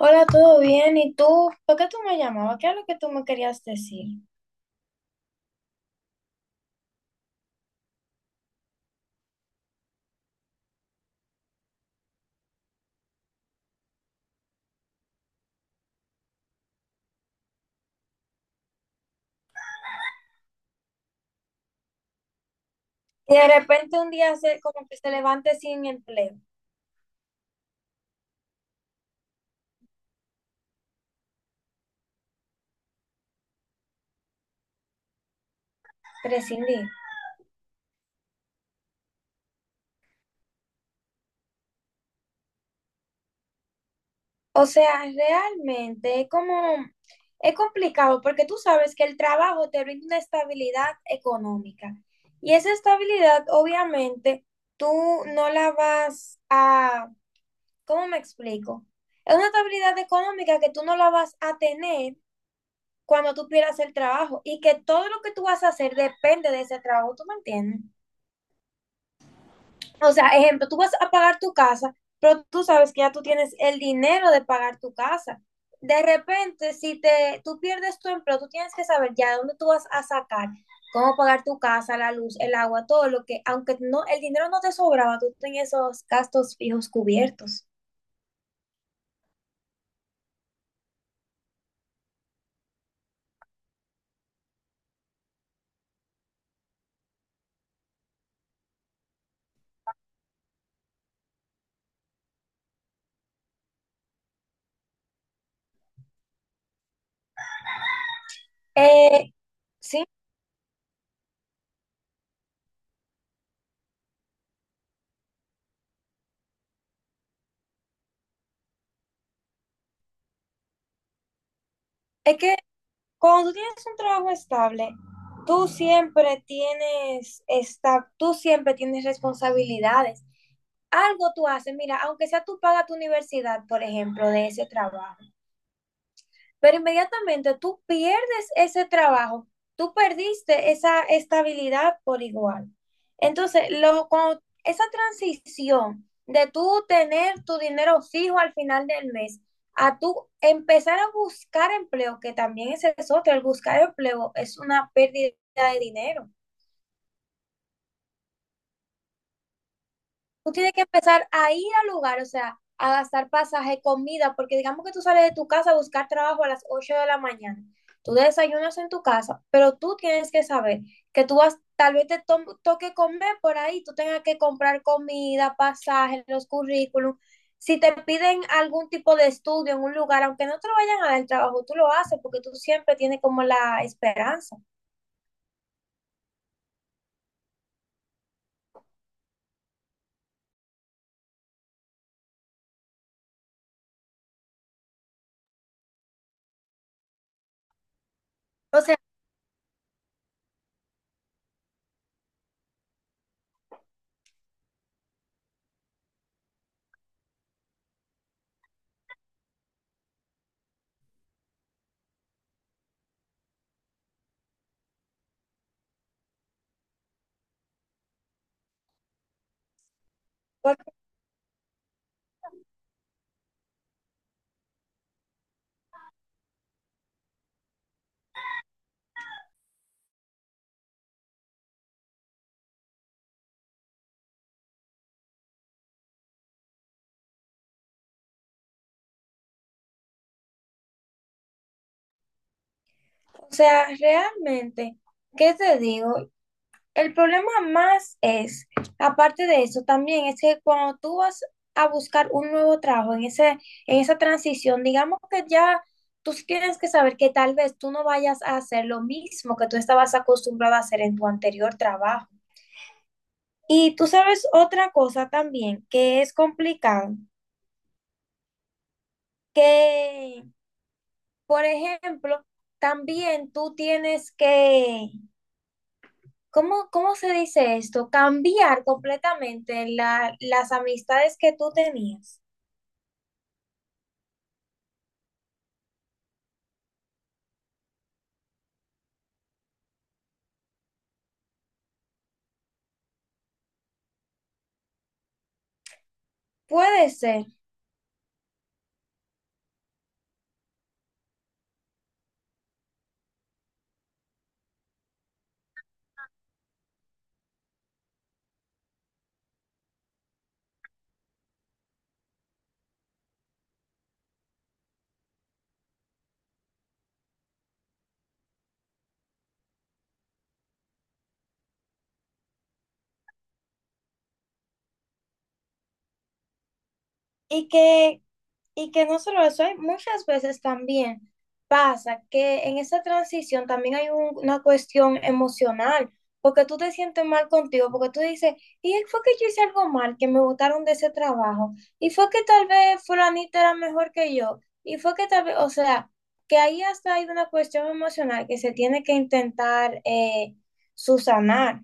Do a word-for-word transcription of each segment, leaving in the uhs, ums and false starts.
Hola, ¿todo bien? ¿Y tú? ¿Por qué tú me llamabas? ¿Qué es lo que tú me querías decir? Y de repente un día se, como que se levante sin empleo. Prescindir. O sea, realmente es como, es complicado porque tú sabes que el trabajo te brinda una estabilidad económica. Y esa estabilidad, obviamente, tú no la vas a, ¿cómo me explico? Es una estabilidad económica que tú no la vas a tener cuando tú pierdas el trabajo y que todo lo que tú vas a hacer depende de ese trabajo, ¿tú me entiendes? O sea, ejemplo, tú vas a pagar tu casa, pero tú sabes que ya tú tienes el dinero de pagar tu casa. De repente, si te, tú pierdes tu empleo, tú tienes que saber ya de dónde tú vas a sacar, cómo pagar tu casa, la luz, el agua, todo lo que, aunque no, el dinero no te sobraba, tú tenías esos gastos fijos cubiertos. Eh, sí. Es que cuando tú tienes un trabajo estable, tú siempre tienes esta, tú siempre tienes responsabilidades. Algo tú haces, mira, aunque sea tú pagas tu universidad, por ejemplo, de ese trabajo, pero inmediatamente tú pierdes ese trabajo, tú perdiste esa estabilidad por igual. Entonces, lo, cuando esa transición de tú tener tu dinero fijo al final del mes, a tú empezar a buscar empleo, que también ese es otro, el buscar empleo es una pérdida de dinero. Tú tienes que empezar a ir al lugar, o sea, a gastar pasaje, comida, porque digamos que tú sales de tu casa a buscar trabajo a las ocho de la mañana. Tú desayunas en tu casa, pero tú tienes que saber que tú vas, tal vez te to- toque comer por ahí, tú tengas que comprar comida, pasaje, los currículums. Si te piden algún tipo de estudio en un lugar, aunque no te lo vayan a dar el trabajo, tú lo haces porque tú siempre tienes como la esperanza. O sea, por- o sea, realmente, ¿qué te digo? El problema más es, aparte de eso, también es que cuando tú vas a buscar un nuevo trabajo en ese, en esa transición, digamos que ya tú sí tienes que saber que tal vez tú no vayas a hacer lo mismo que tú estabas acostumbrado a hacer en tu anterior trabajo. Y tú sabes otra cosa también que es complicado, que, por ejemplo, también tú tienes que... ¿Cómo, cómo se dice esto? Cambiar completamente la- las amistades que tú tenías. Puede ser. Y que, y que no solo eso, hay muchas veces también pasa que en esa transición también hay un- una cuestión emocional, porque tú te sientes mal contigo, porque tú dices, y fue que yo hice algo mal, que me botaron de ese trabajo, y fue que tal vez fulanita era mejor que yo, y fue que tal vez, o sea, que ahí hasta hay una cuestión emocional que se tiene que intentar eh, subsanar.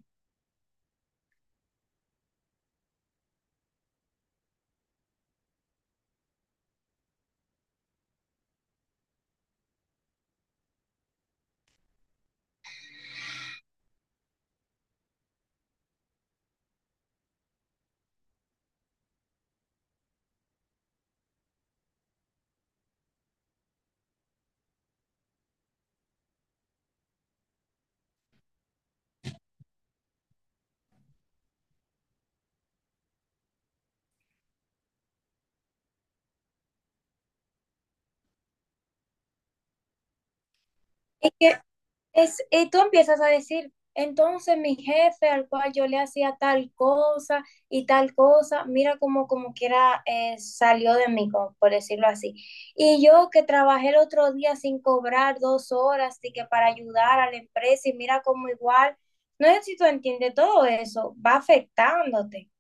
Es, y tú empiezas a decir, entonces mi jefe al cual yo le hacía tal cosa y tal cosa, mira como como quiera eh, salió de mí, como por decirlo así. Y yo que trabajé el otro día sin cobrar dos horas y que para ayudar a la empresa y mira como igual, no sé si tú entiendes todo eso, va afectándote.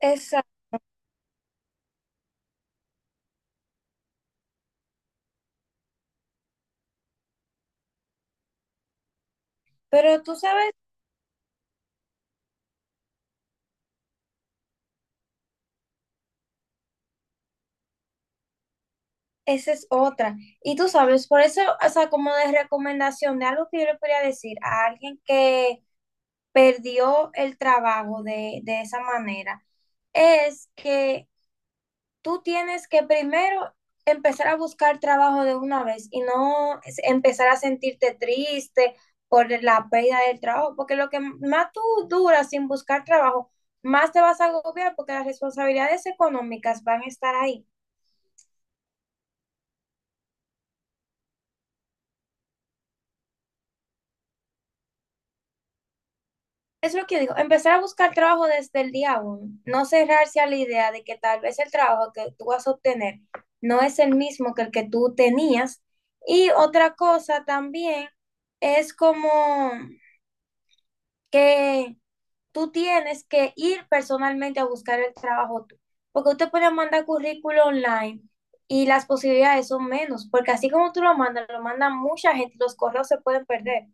Exacto, pero tú sabes, esa es otra. Y tú sabes, por eso, o sea, como de recomendación de algo que yo le podría decir a alguien que perdió el trabajo de, de esa manera es que tú tienes que primero empezar a buscar trabajo de una vez y no es- empezar a sentirte triste por la pérdida del trabajo, porque lo que más tú duras sin buscar trabajo, más te vas a agobiar porque las responsabilidades económicas van a estar ahí. Es lo que yo digo, empezar a buscar trabajo desde el día uno, no cerrarse a la idea de que tal vez el trabajo que tú vas a obtener no es el mismo que el que tú tenías. Y otra cosa también es como que tú tienes que ir personalmente a buscar el trabajo tú, porque usted puede mandar currículo online y las posibilidades son menos, porque así como tú lo mandas, lo mandan mucha gente, los correos se pueden perder.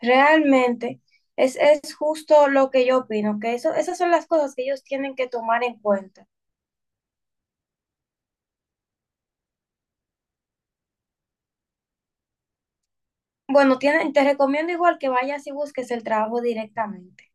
Realmente es, es justo lo que yo opino, que eso, esas son las cosas que ellos tienen que tomar en cuenta. Bueno, tienen, te recomiendo igual que vayas y busques el trabajo directamente.